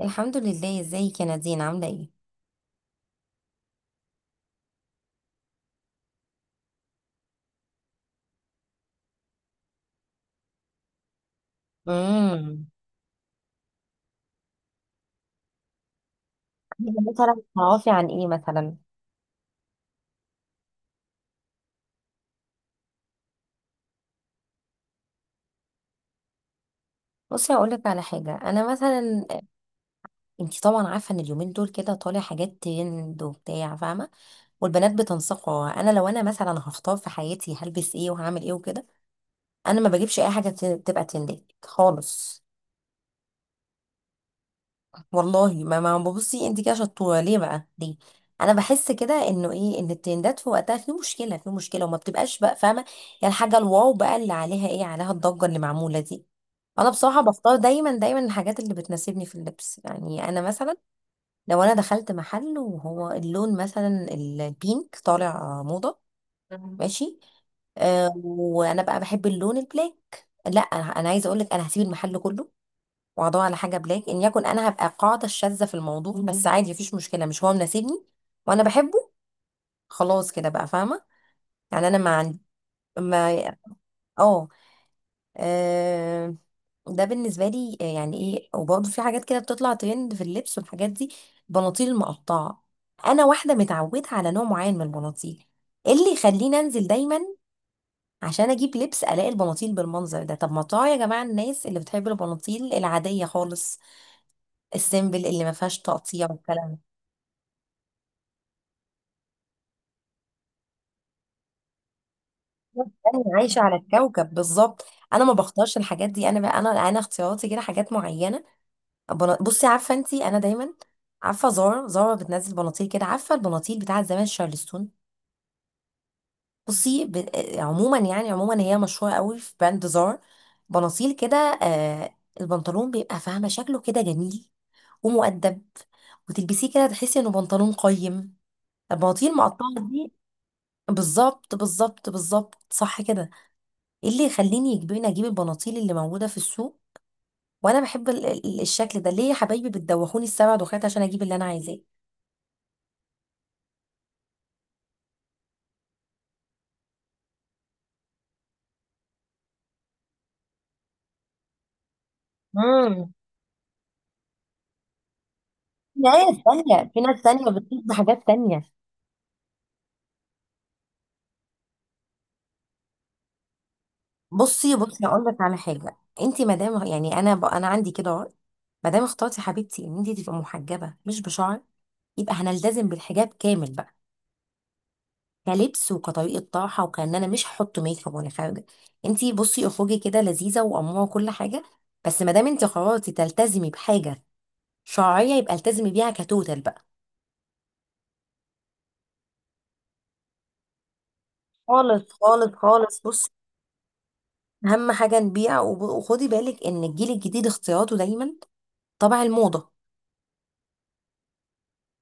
الحمد لله، ازيك يا نادين؟ عامله ايه؟ امم مثلا تعرفي عن ايه مثلا؟ بصي هقول لك على حاجه. انا مثلا، انت طبعا عارفه ان اليومين دول كده طالع حاجات ترند وبتاع، فاهمه؟ والبنات بتنسقها. انا لو انا مثلا هختار في حياتي هلبس ايه وهعمل ايه وكده، انا ما بجيبش اي حاجه تبقى ترندات خالص. والله ما ببصي. انت كده شطوره ليه بقى، ليه؟ انا بحس كده انه ايه، ان الترندات في وقتها في مشكله، في مشكله، وما بتبقاش بقى، فاهمه؟ يعني الحاجه الواو بقى، اللي عليها ايه، عليها الضجه اللي معموله دي. انا بصراحه بختار دايما دايما الحاجات اللي بتناسبني في اللبس. يعني انا مثلا لو انا دخلت محل وهو اللون مثلا البينك طالع موضه، ماشي، آه، وانا بقى بحب اللون البلاك، لا. أنا عايزه اقول لك، انا هسيب المحل كله واقعدوها على حاجه بلاك، ان يكن انا هبقى القاعده الشاذه في الموضوع، بس عادي مفيش مشكله، مش هو مناسبني وانا بحبه. خلاص كده بقى، فاهمه؟ يعني انا ما عندي ما. اه آه، ده بالنسبه لي. يعني ايه، وبرضه في حاجات كده بتطلع ترند في اللبس والحاجات دي، البناطيل المقطعه. انا واحده متعوده على نوع معين من البناطيل، إيه اللي يخليني انزل دايما عشان اجيب لبس الاقي البناطيل بالمنظر ده؟ طب ما طاعة يا جماعه، الناس اللي بتحب البناطيل العاديه خالص، السيمبل اللي ما فيهاش تقطيع والكلام ده. انا عايشه على الكوكب، بالظبط. انا ما بختارش الحاجات دي، انا بقى، انا اختياراتي كده حاجات معينه. بصي، عارفه انت انا دايما عارفه زارا؟ زارا بتنزل بناطيل كده، عارفه البناطيل بتاعه زمان، شارلستون؟ بصي ب... آه، عموما، يعني عموما هي مشهوره قوي في براند زارا. بناطيل كده، آه. البنطلون بيبقى، فاهمه، شكله كده جميل ومؤدب، وتلبسيه كده تحسي انه بنطلون قيم. البناطيل المقطعه دي، بالظبط بالظبط بالظبط، صح كده. ايه اللي يخليني يجبرني اجيب البناطيل اللي موجوده في السوق وانا بحب الشكل ده؟ ليه يا حبايبي بتدوخوني السبع دوخات عشان اجيب اللي انا عايزاه؟ امم في ناس تانية، في ناس تانية بتطلب بحاجات تانية. بصي اقول لك على حاجه، انت مدام، يعني انا انا عندي كده رأي. مادام اخترتي حبيبتي ان انت تبقى محجبه مش بشعر، يبقى هنلتزم بالحجاب كامل بقى، كلبس وكطريقه طرحه. وكان انا مش هحط ميك اب وانا خارجه، انت بصي اخرجي كده لذيذه واموره وكل حاجه، بس مادام انت قررتي تلتزمي بحاجه شرعية يبقى التزمي بيها كتوتال بقى. خالص خالص خالص، بص، أهم حاجة نبيع. وخدي بالك إن الجيل الجديد اختياراته دايما طبع الموضة،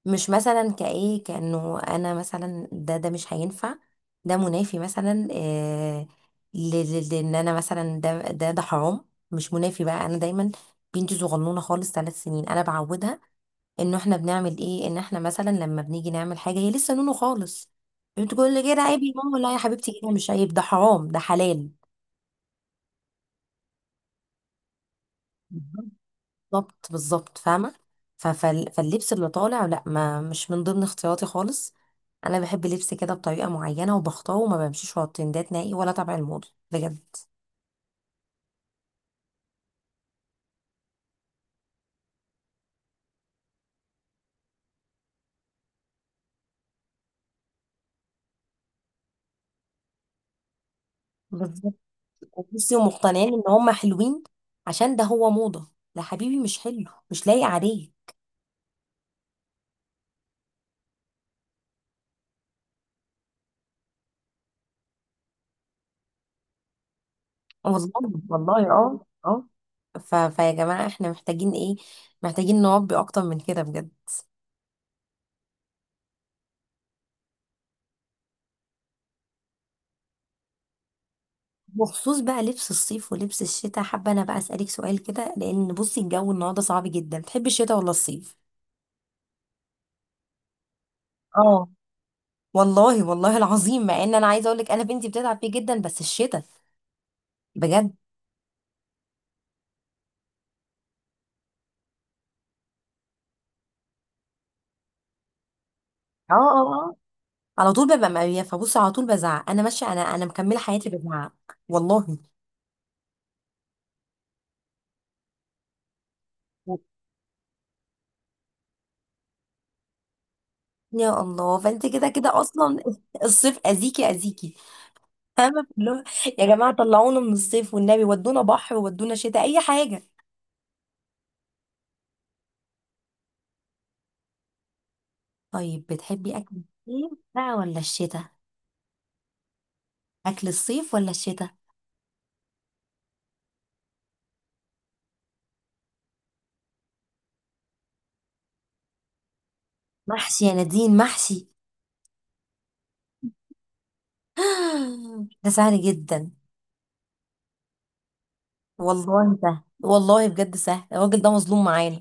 مش مثلا كإيه، كأنه أنا مثلا ده مش هينفع، ده منافي مثلا، آه، لأن أنا مثلا ده حرام، مش منافي بقى. أنا دايما، بنتي صغنونة خالص، 3 سنين، أنا بعودها انه احنا بنعمل ايه. ان احنا مثلا لما بنيجي نعمل حاجه هي لسه نونو خالص بتقول لي كده، عيب يا ماما؟ لا يا حبيبتي، كده مش عيب، ده حرام ده حلال. بالظبط بالظبط بالظبط، فاهمه؟ فاللبس اللي طالع لا، ما مش من ضمن اختياراتي خالص. انا بحب لبس كده بطريقه معينه وبختاره، وما بمشيش ورا الترندات نهائي ولا تبع الموضه بجد. بالظبط. بصي، ومقتنعين ان هم حلوين عشان ده هو موضه. لا حبيبي، مش حلو، مش لايق عليك. والله، والله. اه فيا جماعة احنا محتاجين ايه؟ محتاجين نربي اكتر من كده بجد. بخصوص بقى لبس الصيف ولبس الشتاء، حابة انا بقى اسألك سؤال كده، لان بصي الجو النهاردة صعب جدا. تحبي الشتاء ولا الصيف؟ اه والله، والله العظيم، مع ان انا عايزة اقولك انا بنتي بتتعب فيه جدا، بس الشتاء بجد. اه، اه، اه، على طول ببقى مقرفة، بصي على طول بزعق، انا ماشية، انا مكملة حياتي بزعق. والله. اه يا الله، فانت كده كده اصلا. الصيف اذيكي اذيكي. انا اللي هو، يا جماعه طلعونا من الصيف والنبي، ودونا بحر، ودونا شتاء، اي حاجه. طيب، بتحبي اكل الصيف بقى ولا الشتاء؟ اكل الصيف ولا الشتاء؟ محشي يا نادين، محشي. ده سهل جدا. والله سهل، والله بجد سهل، الراجل ده مظلوم معانا.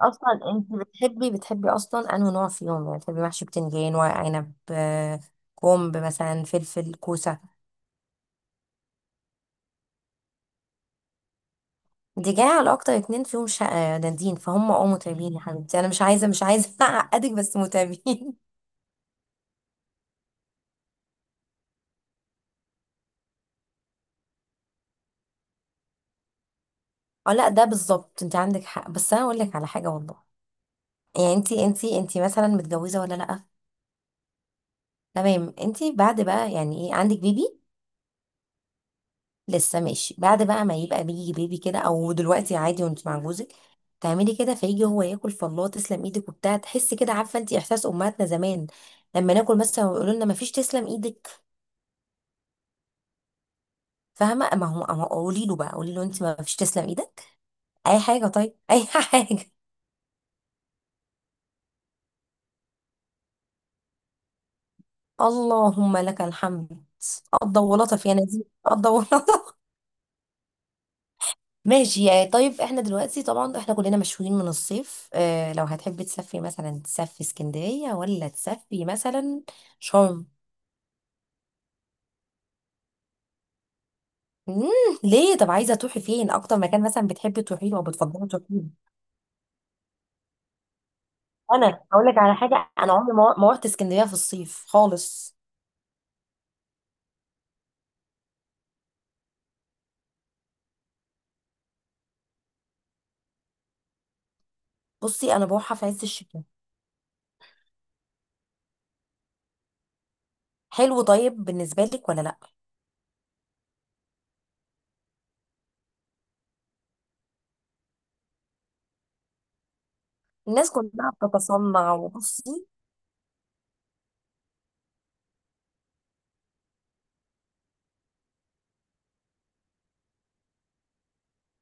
اصلا انت بتحبي اصلا انه نوع فيهم، يعني بتحبي محشي بتنجان، ورق عنب، آه، كرنب مثلا، فلفل، كوسه؟ دي جايه على اكتر 2 فيهم شقة نادين، فهم متعبين يا حبيبتي، انا مش عايزه، مش عايزه اعقدك، بس متعبين. اه، لا ده بالظبط، انت عندك حق، بس انا اقول لك على حاجه والله. يعني انت مثلا متجوزه ولا لا؟ تمام، انت بعد بقى، يعني ايه، عندك بيبي؟ لسه؟ ماشي. بعد بقى ما يبقى بيجي بيبي كده، او دلوقتي عادي، وانت مع جوزك تعملي كده فيجي هو ياكل، فالله، تسلم ايدك، وبتاع، تحسي كده، عارفه انت احساس امهاتنا زمان لما ناكل مثلا ويقولوا لنا ما فيش تسلم ايدك، فاهمه؟ ما هو قولي له بقى، قولي له انت ما فيش تسلم ايدك اي حاجه، طيب، اي حاجه. اللهم لك الحمد، قضى ولطف يا نزيه، قضى ولطف. ماشي يعني. طيب احنا دلوقتي طبعا احنا كلنا مشحونين من الصيف، لو هتحبي تسافري مثلا، تسافري اسكندريه ولا تسافري مثلا شرم؟ مم. ليه؟ طب عايزه تروحي فين؟ اكتر مكان مثلا بتحبي تروحي له او بتفضلي تروحي له؟ انا هقول لك على حاجه، انا عمري ما رحت اسكندريه في الصيف خالص. بصي انا بروحها في عز الشتاء. حلو، طيب بالنسبه لك ولا لا؟ الناس كلها بتتصنع، وبصي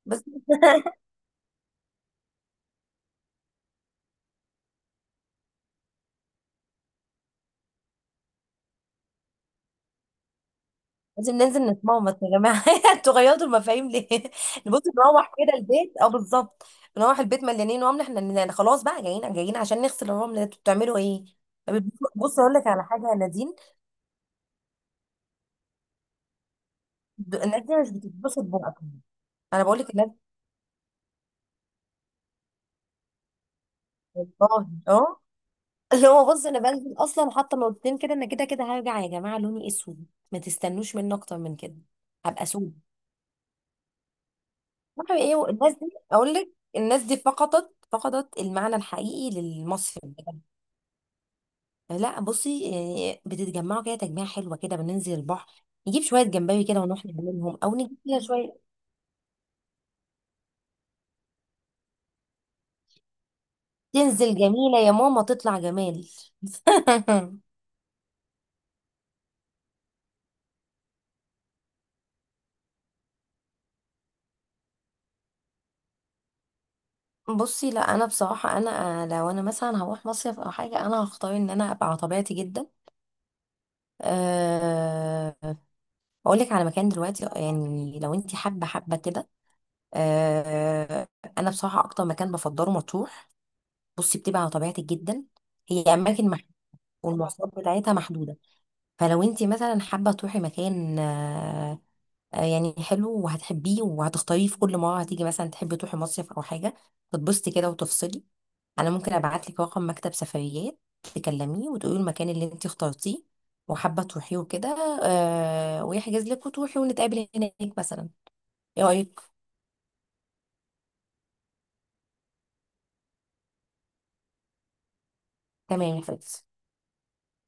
بس. لازم ننزل نتمومط يا جماعه. انتوا غيرتوا المفاهيم ليه؟ نبص نروح كده البيت، اه، بالظبط، نروح البيت مليانين رمل احنا، خلاص بقى، جايين جايين عشان نغسل الرمل ده، انتوا بتعملوا ايه؟ طب، بص اقول لك على حاجه يا نادين، الناس دي مش بتتبسط بوقتهم. انا بقول لك الناس، والله، اه، اللي هو، بص انا بنزل اصلا حاطه نقطتين كده. انا كده كده هرجع يا جماعه لوني اسود، ما تستنوش مني اكتر من كده، هبقى سود. عارفة ايه الناس دي، اقول لك الناس دي فقدت المعنى الحقيقي للمصري بجد. لا بصي، يعني بتتجمعوا كده تجميعة حلوة كده، بننزل البحر، نجيب شوية جمبري كده، ونروح نعملهم، او نجيب كده شوية. تنزل جميلة يا ماما، تطلع جمال. بصي لا، انا بصراحة انا لو انا مثلا هروح مصيف او حاجة، انا هختار ان انا ابقى على طبيعتي جدا. أه، اقول لك على مكان دلوقتي، يعني لو انت حابة كده، آه، انا بصراحه اكتر مكان بفضله مطروح. بصي بتبقى على طبيعتك جدا، هي اماكن محدوده، والمواصلات بتاعتها محدوده، فلو انت مثلا حابه تروحي مكان، يعني حلو وهتحبيه وهتختاريه في كل مره هتيجي مثلا تحبي تروحي مصيف او حاجه تتبسطي كده وتفصلي، انا ممكن ابعت لك رقم مكتب سفريات، تكلميه وتقولي المكان اللي انت اخترتيه وحابه تروحيه وكده، ويحجز لك، وتروحي، ونتقابل هناك مثلا. ايه رايك؟ تمام يا فندم.